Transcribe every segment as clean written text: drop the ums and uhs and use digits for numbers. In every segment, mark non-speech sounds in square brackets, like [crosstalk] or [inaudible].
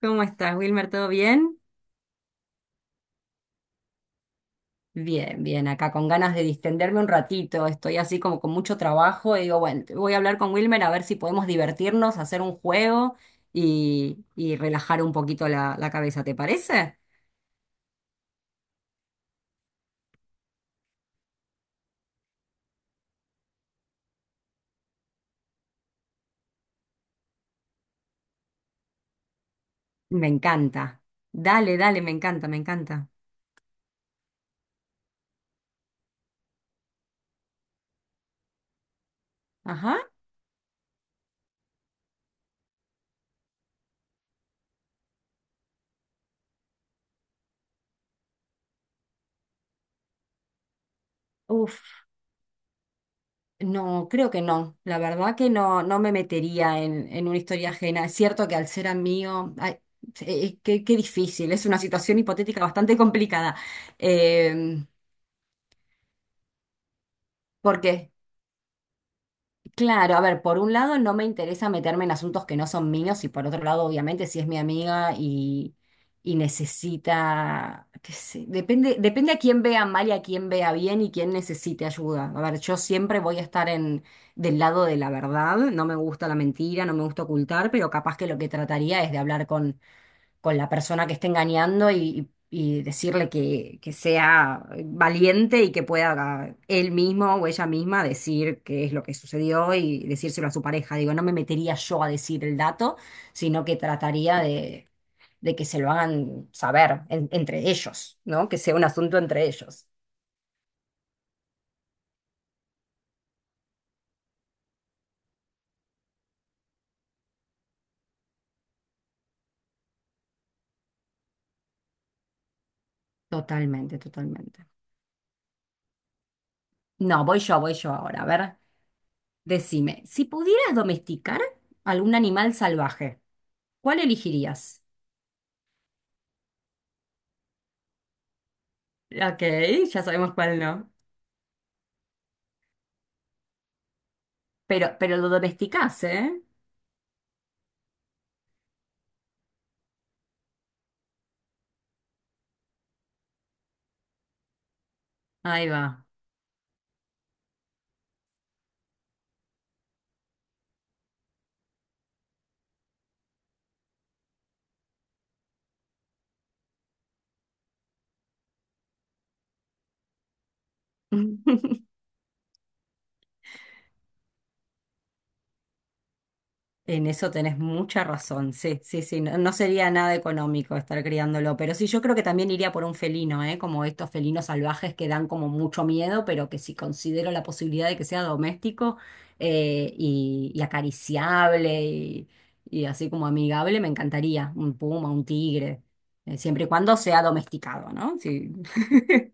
¿Cómo estás, Wilmer? ¿Todo bien? Bien, bien, acá con ganas de distenderme un ratito, estoy así como con mucho trabajo y digo, bueno, voy a hablar con Wilmer a ver si podemos divertirnos, hacer un juego y relajar un poquito la cabeza, ¿te parece? Me encanta. Dale, dale, me encanta, me encanta. Ajá. Uf. No, creo que no. La verdad que no, no me metería en una historia ajena. Es cierto que al ser amigo, ay, qué difícil. Es una situación hipotética bastante complicada. Eh, ¿Por qué? Claro, a ver, por un lado no me interesa meterme en asuntos que no son míos y por otro lado, obviamente, si es mi amiga y necesita, qué sé, depende, depende a quién vea mal y a quién vea bien y quién necesite ayuda. A ver, yo siempre voy a estar en, del lado de la verdad, no me gusta la mentira, no me gusta ocultar, pero capaz que lo que trataría es de hablar con la persona que esté engañando y decirle que sea valiente y que pueda él mismo o ella misma decir qué es lo que sucedió y decírselo a su pareja. Digo, no me metería yo a decir el dato, sino que trataría de que se lo hagan saber entre ellos, ¿no? Que sea un asunto entre ellos. Totalmente, totalmente. No, voy yo ahora. A ver, decime, si pudieras domesticar algún animal salvaje, ¿cuál elegirías? Ok, ya sabemos cuál no. Pero lo domesticás, ¿eh? Ahí va. [laughs] En eso tenés mucha razón, sí, sí, sí, no, no sería nada económico estar criándolo, pero sí, yo creo que también iría por un felino, ¿eh? Como estos felinos salvajes que dan como mucho miedo, pero que si considero la posibilidad de que sea doméstico y acariciable y así como amigable, me encantaría un puma, un tigre, siempre y cuando sea domesticado, ¿no? Sí, [laughs]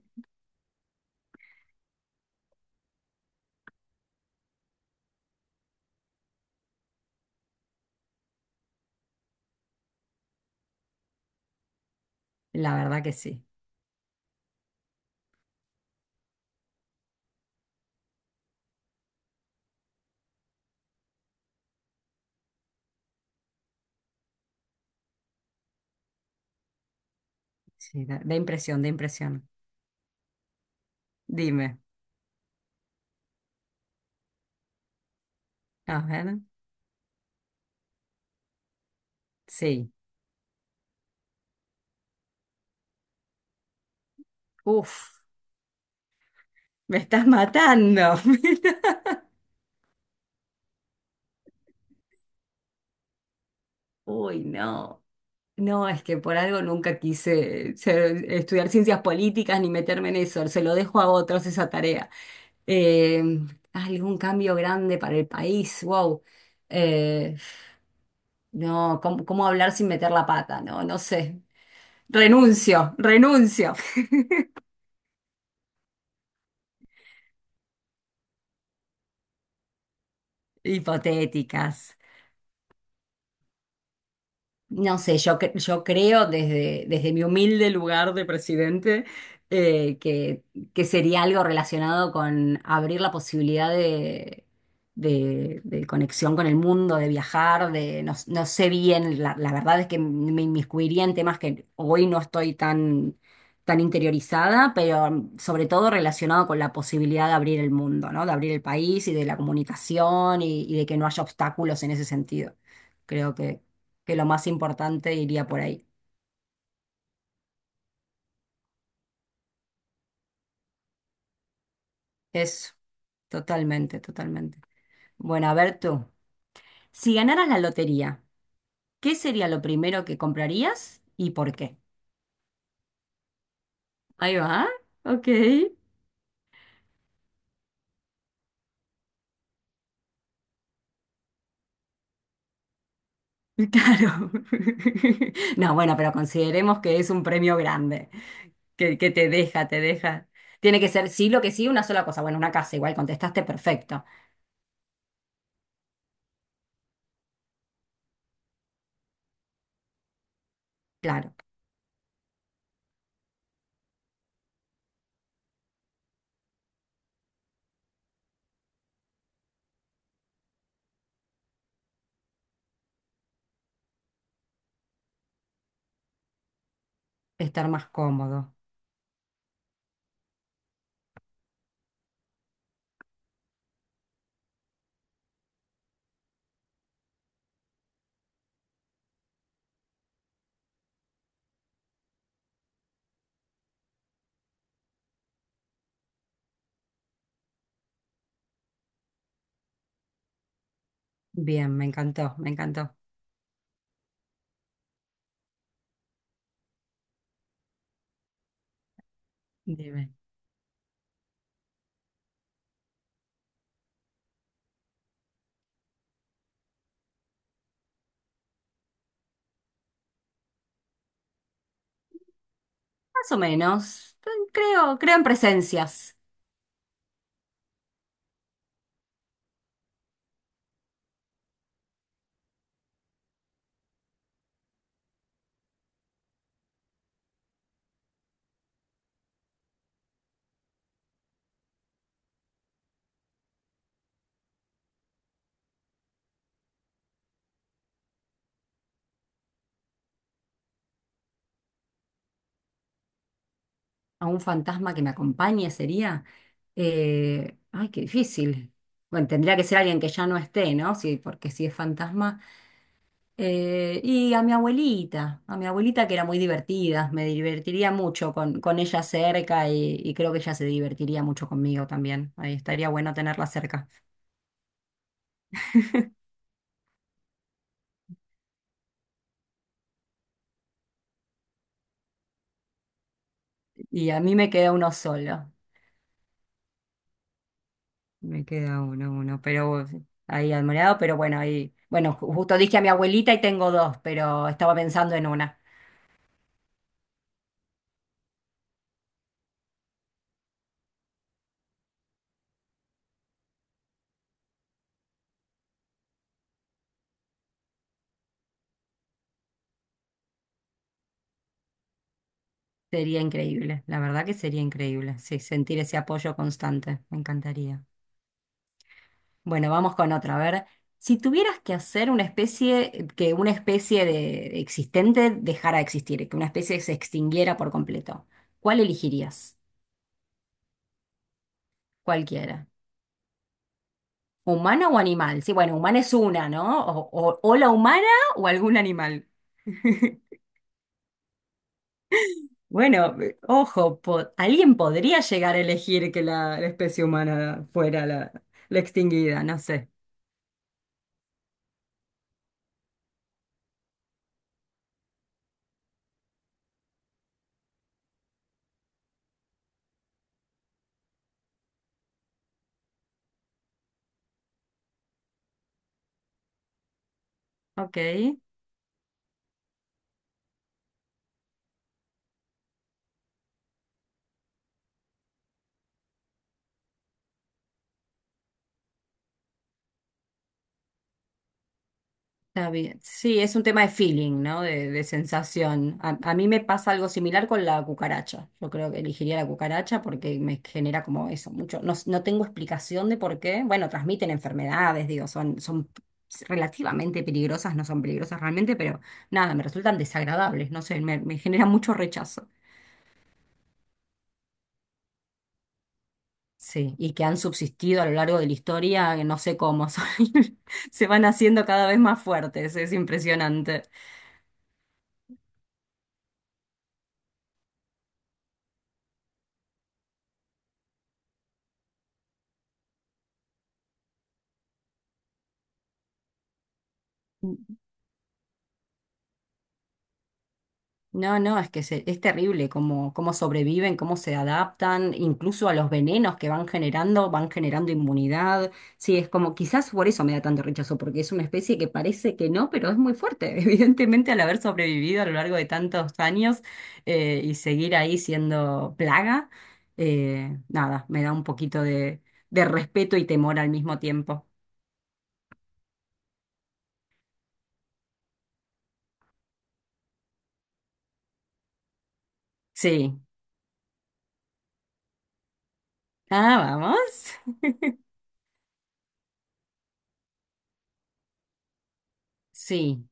la verdad que sí. Sí, da, da impresión, da impresión. Dime, a ver. Sí. Uf, me estás matando. [laughs] Uy, no. No, es que por algo nunca quise estudiar ciencias políticas ni meterme en eso. Se lo dejo a otros esa tarea. Eh, algún cambio grande para el país. Wow. Eh, no, ¿cómo, cómo hablar sin meter la pata? No, no sé. Renuncio, renuncio. [laughs] Hipotéticas. No sé, yo, yo creo desde, desde mi humilde lugar de presidente eh, que, que sería algo relacionado con abrir la posibilidad de conexión con el mundo, de viajar, de no, no sé bien, la verdad es que me inmiscuiría en temas que hoy no estoy tan, tan interiorizada, pero sobre todo relacionado con la posibilidad de abrir el mundo, ¿no? De abrir el país y de la comunicación y de que no haya obstáculos en ese sentido. Creo que lo más importante iría por ahí. Eso, totalmente, totalmente. Bueno, a ver tú, si ganaras la lotería, ¿qué sería lo primero que comprarías y por qué? Ahí va, ok, claro. [laughs] No, bueno, pero consideremos que es un premio grande, que te deja, te deja. Tiene que ser sí, lo que sí, una sola cosa. Bueno, una casa, igual contestaste perfecto. Claro, estar más cómodo. Bien, me encantó, me encantó. Dime. Más o menos. Creo, creo en presencias. A un fantasma que me acompañe sería. Ay, qué difícil. Bueno, tendría que ser alguien que ya no esté, ¿no? Sí, porque si es fantasma. Y a mi abuelita que era muy divertida, me divertiría mucho con ella cerca y creo que ella se divertiría mucho conmigo también. Ahí estaría bueno tenerla cerca. Y a mí me queda uno solo. Me queda uno, uno, pero ahí admirado, pero bueno, ahí, bueno, justo dije a mi abuelita y tengo dos, pero estaba pensando en una. Sería increíble, la verdad que sería increíble, sí, sentir ese apoyo constante, me encantaría. Bueno, vamos con otra, a ver, si tuvieras que hacer una especie, que una especie de existente dejara de existir, que una especie se extinguiera por completo, ¿cuál elegirías? Cualquiera. ¿Humana o animal? Sí, bueno, humana es una, ¿no? O la humana o algún animal. [laughs] Bueno, ojo, alguien podría llegar a elegir que la especie humana fuera la, la extinguida, no sé. Ok, está bien. Sí, es un tema de feeling, ¿no? De sensación. A mí me pasa algo similar con la cucaracha. Yo creo que elegiría la cucaracha porque me genera como eso, mucho. No, no tengo explicación de por qué. Bueno, transmiten enfermedades, digo, son, son relativamente peligrosas, no son peligrosas realmente, pero nada, me resultan desagradables, no sé, me genera mucho rechazo. Sí, y que han subsistido a lo largo de la historia, que no sé cómo, [laughs] se van haciendo cada vez más fuertes, es impresionante. No, no, es que es terrible cómo, cómo sobreviven, cómo se adaptan, incluso a los venenos que van generando inmunidad. Sí, es como, quizás por eso me da tanto rechazo, porque es una especie que parece que no, pero es muy fuerte. [laughs] Evidentemente, al haber sobrevivido a lo largo de tantos años y seguir ahí siendo plaga, nada, me da un poquito de respeto y temor al mismo tiempo. Sí. Ah, vamos. Sí,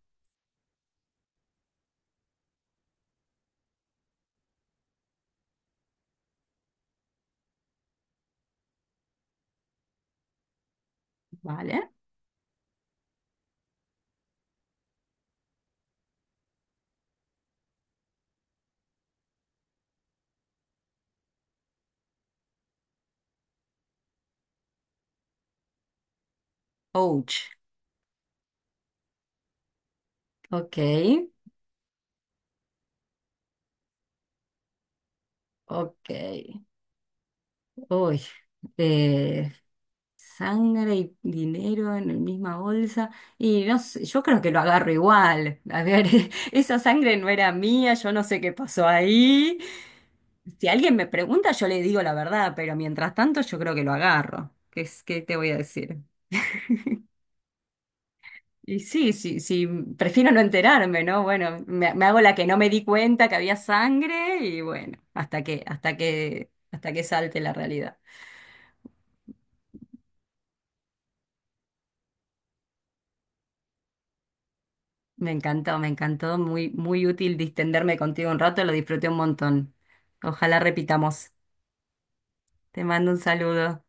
vale. Ouch. Ok, ok. Uy, eh, sangre y dinero en la misma bolsa. Y no sé, yo creo que lo agarro igual. A ver, [laughs] esa sangre no era mía, yo no sé qué pasó ahí. Si alguien me pregunta, yo le digo la verdad, pero mientras tanto yo creo que lo agarro. ¿Qué, qué te voy a decir? Y sí, sí, sí, prefiero no enterarme, ¿no? Bueno, me hago la que no me di cuenta que había sangre y bueno, hasta que, hasta que, hasta que salte la realidad. Me encantó, me encantó. Muy, muy útil distenderme contigo un rato, lo disfruté un montón. Ojalá repitamos. Te mando un saludo.